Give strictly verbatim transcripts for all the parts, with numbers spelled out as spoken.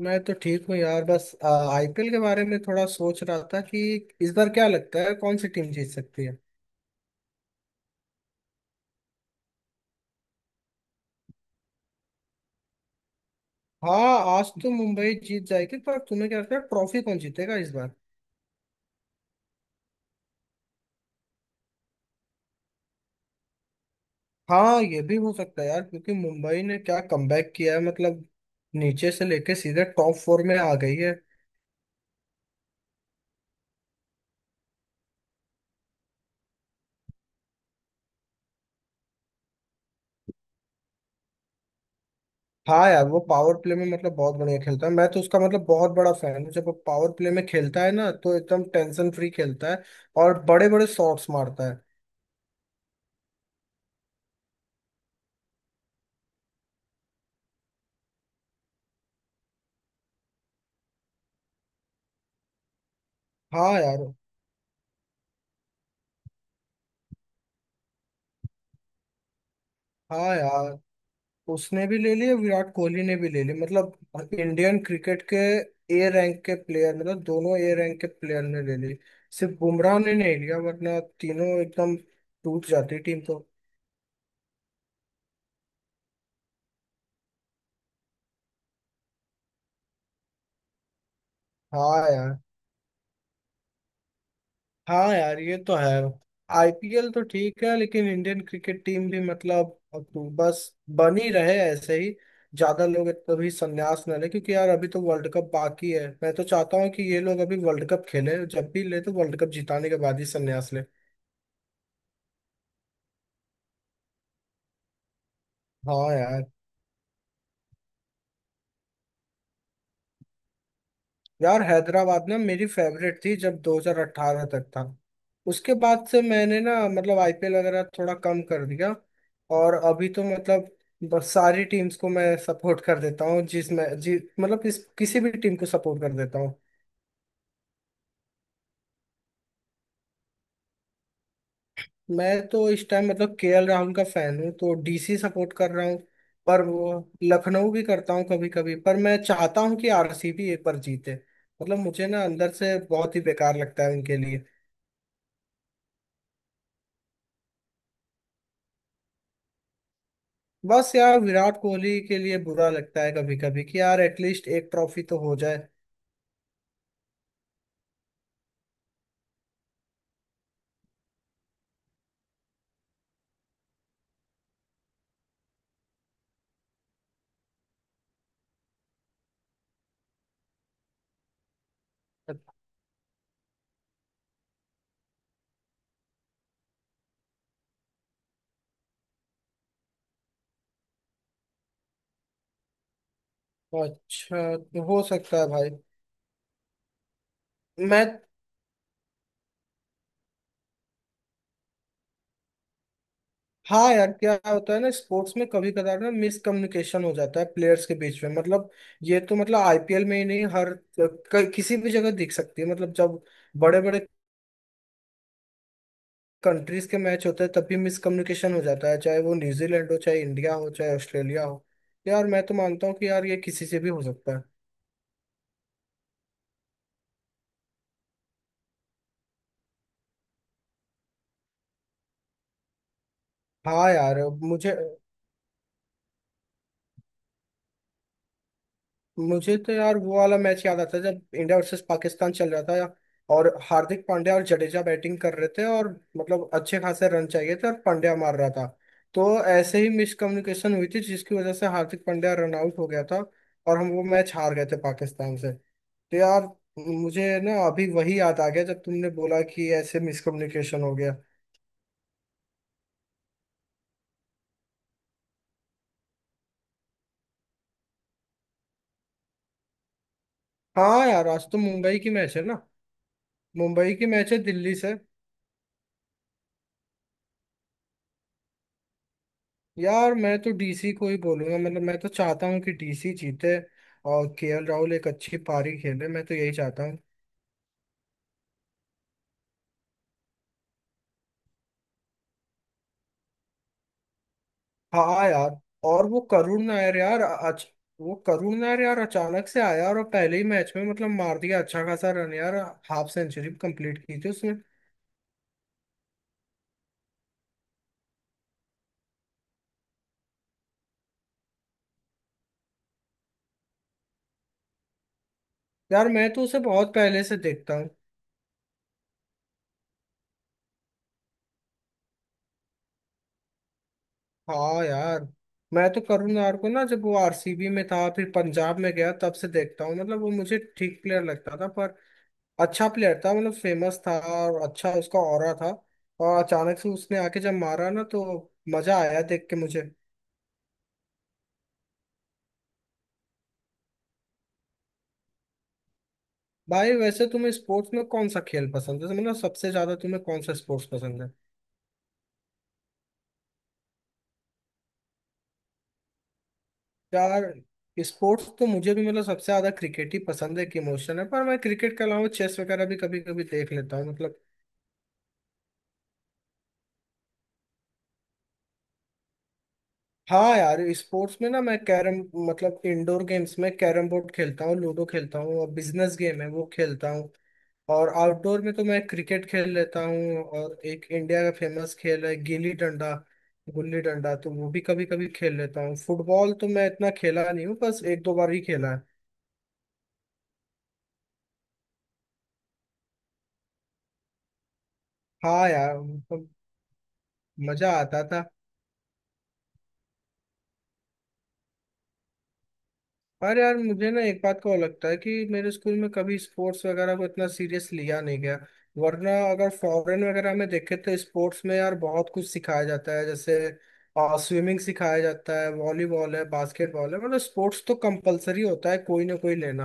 मैं तो ठीक हूँ यार, बस आईपीएल के बारे में थोड़ा सोच रहा था कि इस बार क्या लगता है कौन सी टीम जीत सकती है। हाँ, आज तो मुंबई जीत जाएगी, पर तुम्हें क्या लगता है ट्रॉफी कौन जीतेगा इस बार। हाँ, ये भी हो सकता है यार, क्योंकि मुंबई ने क्या कमबैक किया है, मतलब नीचे से लेके सीधे टॉप फोर में आ गई है। हाँ यार, वो पावर प्ले में मतलब बहुत बढ़िया खेलता है। मैं तो उसका मतलब बहुत बड़ा फैन हूँ। जब वो पावर प्ले में खेलता है ना तो एकदम टेंशन फ्री खेलता है और बड़े बड़े शॉट्स मारता है। हाँ यार। हाँ यार, उसने भी ले लिए, विराट कोहली ने भी ले लिए, मतलब इंडियन क्रिकेट के ए रैंक के प्लेयर, मतलब दोनों ए रैंक के प्लेयर ने ले ली। सिर्फ बुमराह ने नहीं लिया, वरना तीनों एकदम टूट जाती टीम तो। हाँ यार। हाँ यार, ये तो है। आईपीएल तो ठीक है, लेकिन इंडियन क्रिकेट टीम भी मतलब अब तो बस बन ही रहे ऐसे ही। ज्यादा लोग कभी संन्यास ना ले, क्योंकि यार अभी तो वर्ल्ड कप बाकी है। मैं तो चाहता हूँ कि ये लोग अभी वर्ल्ड कप खेले, जब भी ले तो वर्ल्ड कप जिताने के बाद ही संन्यास ले। हाँ यार। यार हैदराबाद ना मेरी फेवरेट थी जब दो हज़ार अठारह तक था। उसके बाद से मैंने ना मतलब आईपीएल वगैरह थोड़ा कम कर दिया। और अभी तो मतलब बस सारी टीम्स को मैं सपोर्ट कर देता हूँ, जिसमें जी मतलब इस किसी भी टीम को सपोर्ट कर देता हूँ। मैं तो इस टाइम मतलब केएल राहुल का फैन हूँ तो डीसी सपोर्ट कर रहा हूँ। पर वो लखनऊ भी करता हूँ कभी कभी, पर मैं चाहता हूँ कि आरसीबी एक बार जीते। मतलब मुझे ना अंदर से बहुत ही बेकार लगता है उनके। बस यार, विराट कोहली के लिए बुरा लगता है कभी कभी कि यार एटलीस्ट एक ट्रॉफी तो हो जाए। अच्छा तो हो सकता है भाई। मैं। हाँ यार, क्या होता है ना, स्पोर्ट्स में कभी कदार ना मिसकम्युनिकेशन हो जाता है प्लेयर्स के बीच में, मतलब ये तो मतलब आईपीएल में ही नहीं, हर क- किसी भी जगह दिख सकती है। मतलब जब बड़े बड़े कंट्रीज के मैच होते हैं तब भी मिसकम्युनिकेशन हो जाता है, चाहे वो न्यूजीलैंड हो, चाहे इंडिया हो, चाहे ऑस्ट्रेलिया हो। यार मैं तो मानता हूँ कि यार ये किसी से भी हो सकता है। हाँ यार। मुझे मुझे तो यार वो वाला मैच याद आता है जब इंडिया वर्सेस पाकिस्तान चल रहा था और हार्दिक पांड्या और जडेजा बैटिंग कर रहे थे, और मतलब अच्छे खासे रन चाहिए थे और पांड्या मार रहा था। तो ऐसे ही मिसकम्युनिकेशन हुई थी जिसकी वजह से हार्दिक पांड्या रन आउट हो गया था, और हम वो मैच हार गए थे पाकिस्तान से। तो यार मुझे ना अभी वही याद आ गया जब तुमने बोला कि ऐसे मिसकम्युनिकेशन हो गया। हाँ यार, आज तो मुंबई की मैच है ना। मुंबई की मैच है दिल्ली से। यार मैं तो डीसी को ही बोलूंगा, मतलब मैं तो चाहता हूँ कि डीसी जीते और केएल राहुल एक अच्छी पारी खेले, मैं तो यही चाहता हूँ। हाँ यार। और वो करुण नायर यार अच। वो करुण नायर यार अचानक से आया और पहले ही मैच में मतलब मार दिया अच्छा खासा रन यार। हाफ सेंचुरी कंप्लीट की थी उसने। यार मैं तो उसे बहुत पहले से देखता हूँ। हाँ यार, मैं तो करुण नायर को ना जब वो आरसीबी में था फिर पंजाब में गया तब से देखता हूँ, मतलब वो मुझे ठीक प्लेयर लगता था, पर अच्छा प्लेयर था, मतलब फेमस था और अच्छा उसका ऑरा था। और अचानक से उसने आके जब मारा ना तो मजा आया देख के मुझे। भाई, वैसे तुम्हें स्पोर्ट्स में कौन सा खेल पसंद है, मतलब सबसे ज्यादा तुम्हें कौन सा स्पोर्ट्स पसंद है। यार स्पोर्ट्स तो मुझे भी मतलब सबसे ज्यादा क्रिकेट ही पसंद है, एक इमोशन है। पर मैं क्रिकेट के अलावा चेस वगैरह भी कभी कभी देख लेता हूँ मतलब। हाँ यार, स्पोर्ट्स में ना मैं कैरम, मतलब इंडोर गेम्स में कैरम बोर्ड खेलता हूँ, लूडो खेलता हूँ, और बिजनेस गेम है वो खेलता हूँ। और आउटडोर में तो मैं क्रिकेट खेल लेता हूँ, और एक इंडिया का फेमस खेल है गिल्ली डंडा, गुल्ली डंडा तो वो भी कभी कभी खेल लेता हूँ। फुटबॉल तो मैं इतना खेला नहीं हूँ, बस एक दो बार ही खेला है। हाँ यार, मतलब मजा आता था। अरे यार, मुझे ना एक बात का और लगता है कि मेरे स्कूल में कभी स्पोर्ट्स वगैरह को इतना सीरियस लिया नहीं गया। वरना अगर फॉरेन वगैरह में देखे तो स्पोर्ट्स में यार बहुत कुछ सिखाया जाता है, जैसे स्विमिंग सिखाया जाता है, वॉलीबॉल है, बास्केटबॉल है, मतलब स्पोर्ट्स तो कंपलसरी होता है कोई ना कोई लेना।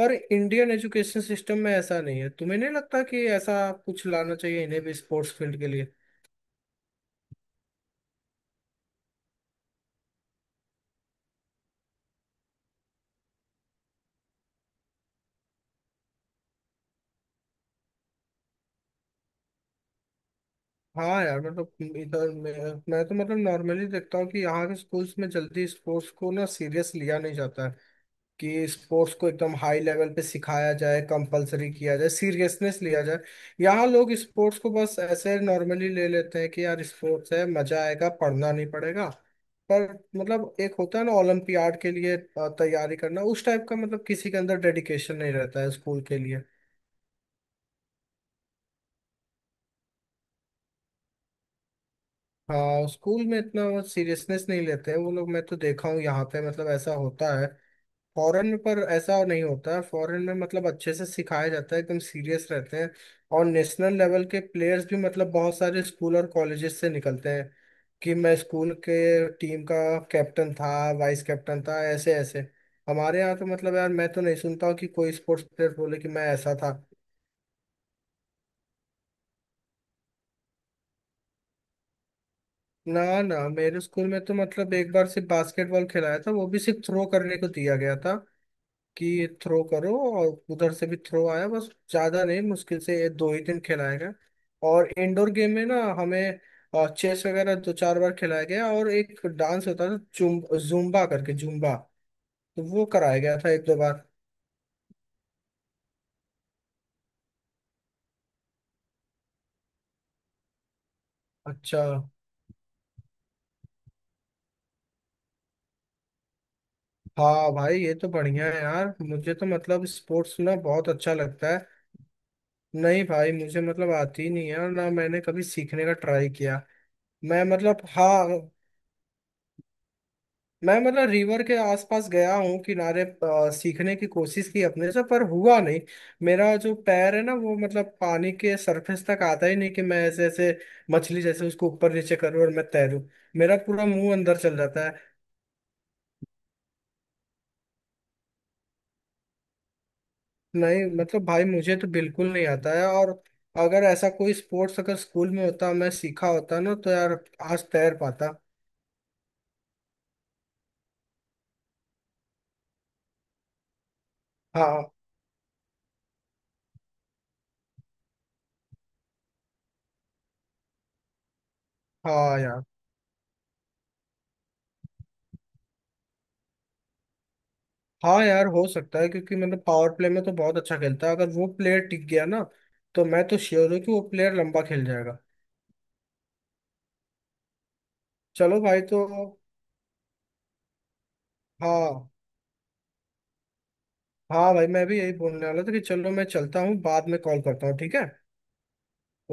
पर इंडियन एजुकेशन सिस्टम में ऐसा नहीं है। तुम्हें नहीं लगता कि ऐसा कुछ लाना चाहिए इन्हें भी स्पोर्ट्स फील्ड के लिए। हाँ यार, मतलब इधर मैं मैं तो मतलब नॉर्मली देखता हूँ कि यहाँ के स्कूल्स में जल्दी स्पोर्ट्स को ना सीरियस लिया नहीं जाता है कि स्पोर्ट्स को एकदम हाई लेवल पे सिखाया जाए, कंपलसरी किया जाए, सीरियसनेस लिया जाए। यहाँ लोग स्पोर्ट्स को बस ऐसे नॉर्मली ले लेते हैं कि यार स्पोर्ट्स है, मजा आएगा, पढ़ना नहीं पड़ेगा। पर मतलब एक होता है ना ओलंपियाड के लिए अ, तैयारी करना, उस टाइप का मतलब किसी के अंदर डेडिकेशन नहीं रहता है स्कूल के लिए। हाँ, स्कूल में इतना सीरियसनेस नहीं लेते हैं वो लोग, मैं तो देखा हूँ यहाँ पे मतलब ऐसा होता है फॉरेन में, पर ऐसा नहीं होता है। फॉरेन में मतलब अच्छे से सिखाया जाता है, एकदम सीरियस रहते हैं। और नेशनल लेवल के प्लेयर्स भी मतलब बहुत सारे स्कूल और कॉलेजेस से निकलते हैं कि मैं स्कूल के टीम का कैप्टन था, वाइस कैप्टन था, ऐसे ऐसे। हमारे यहाँ तो मतलब यार मैं तो नहीं सुनता हूँ कि कोई स्पोर्ट्स प्लेयर बोले कि मैं ऐसा था। ना ना, मेरे स्कूल में तो मतलब एक बार सिर्फ बास्केटबॉल खिलाया था, वो भी सिर्फ थ्रो करने को दिया गया था कि थ्रो करो और उधर से भी थ्रो आया, बस ज्यादा नहीं, मुश्किल से ये दो ही दिन खिलाया गया। और इंडोर गेम में ना हमें चेस वगैरह दो चार बार खिलाया गया, और एक डांस होता था जुम, जुम्बा करके, जुम्बा, तो वो कराया गया था एक दो बार। अच्छा। हाँ भाई, ये तो बढ़िया है यार, मुझे तो मतलब स्पोर्ट्स ना बहुत अच्छा लगता है। नहीं भाई, मुझे मतलब आती ही नहीं है और ना मैंने कभी सीखने का ट्राई किया। मैं मतलब, हाँ, मैं मतलब रिवर के आसपास गया हूँ किनारे, अ, सीखने की कोशिश की अपने से पर हुआ नहीं। मेरा जो पैर है ना वो मतलब पानी के सरफेस तक आता ही नहीं कि मैं ऐसे ऐसे मछली जैसे उसको ऊपर नीचे करूँ और मैं तैरूँ, मेरा पूरा मुंह अंदर चल जाता है। नहीं मतलब भाई, मुझे तो बिल्कुल नहीं आता है, और अगर ऐसा कोई स्पोर्ट्स अगर स्कूल में होता मैं सीखा होता ना तो यार आज तैर पाता। हाँ। हाँ यार। हाँ यार, हो सकता है क्योंकि मतलब पावर प्ले में तो बहुत अच्छा खेलता है। अगर वो प्लेयर टिक गया ना तो मैं तो श्योर हूँ कि वो प्लेयर लंबा खेल जाएगा। चलो भाई तो। हाँ, हाँ भाई, मैं भी यही बोलने वाला था कि चलो मैं चलता हूँ, बाद में कॉल करता हूँ, ठीक है।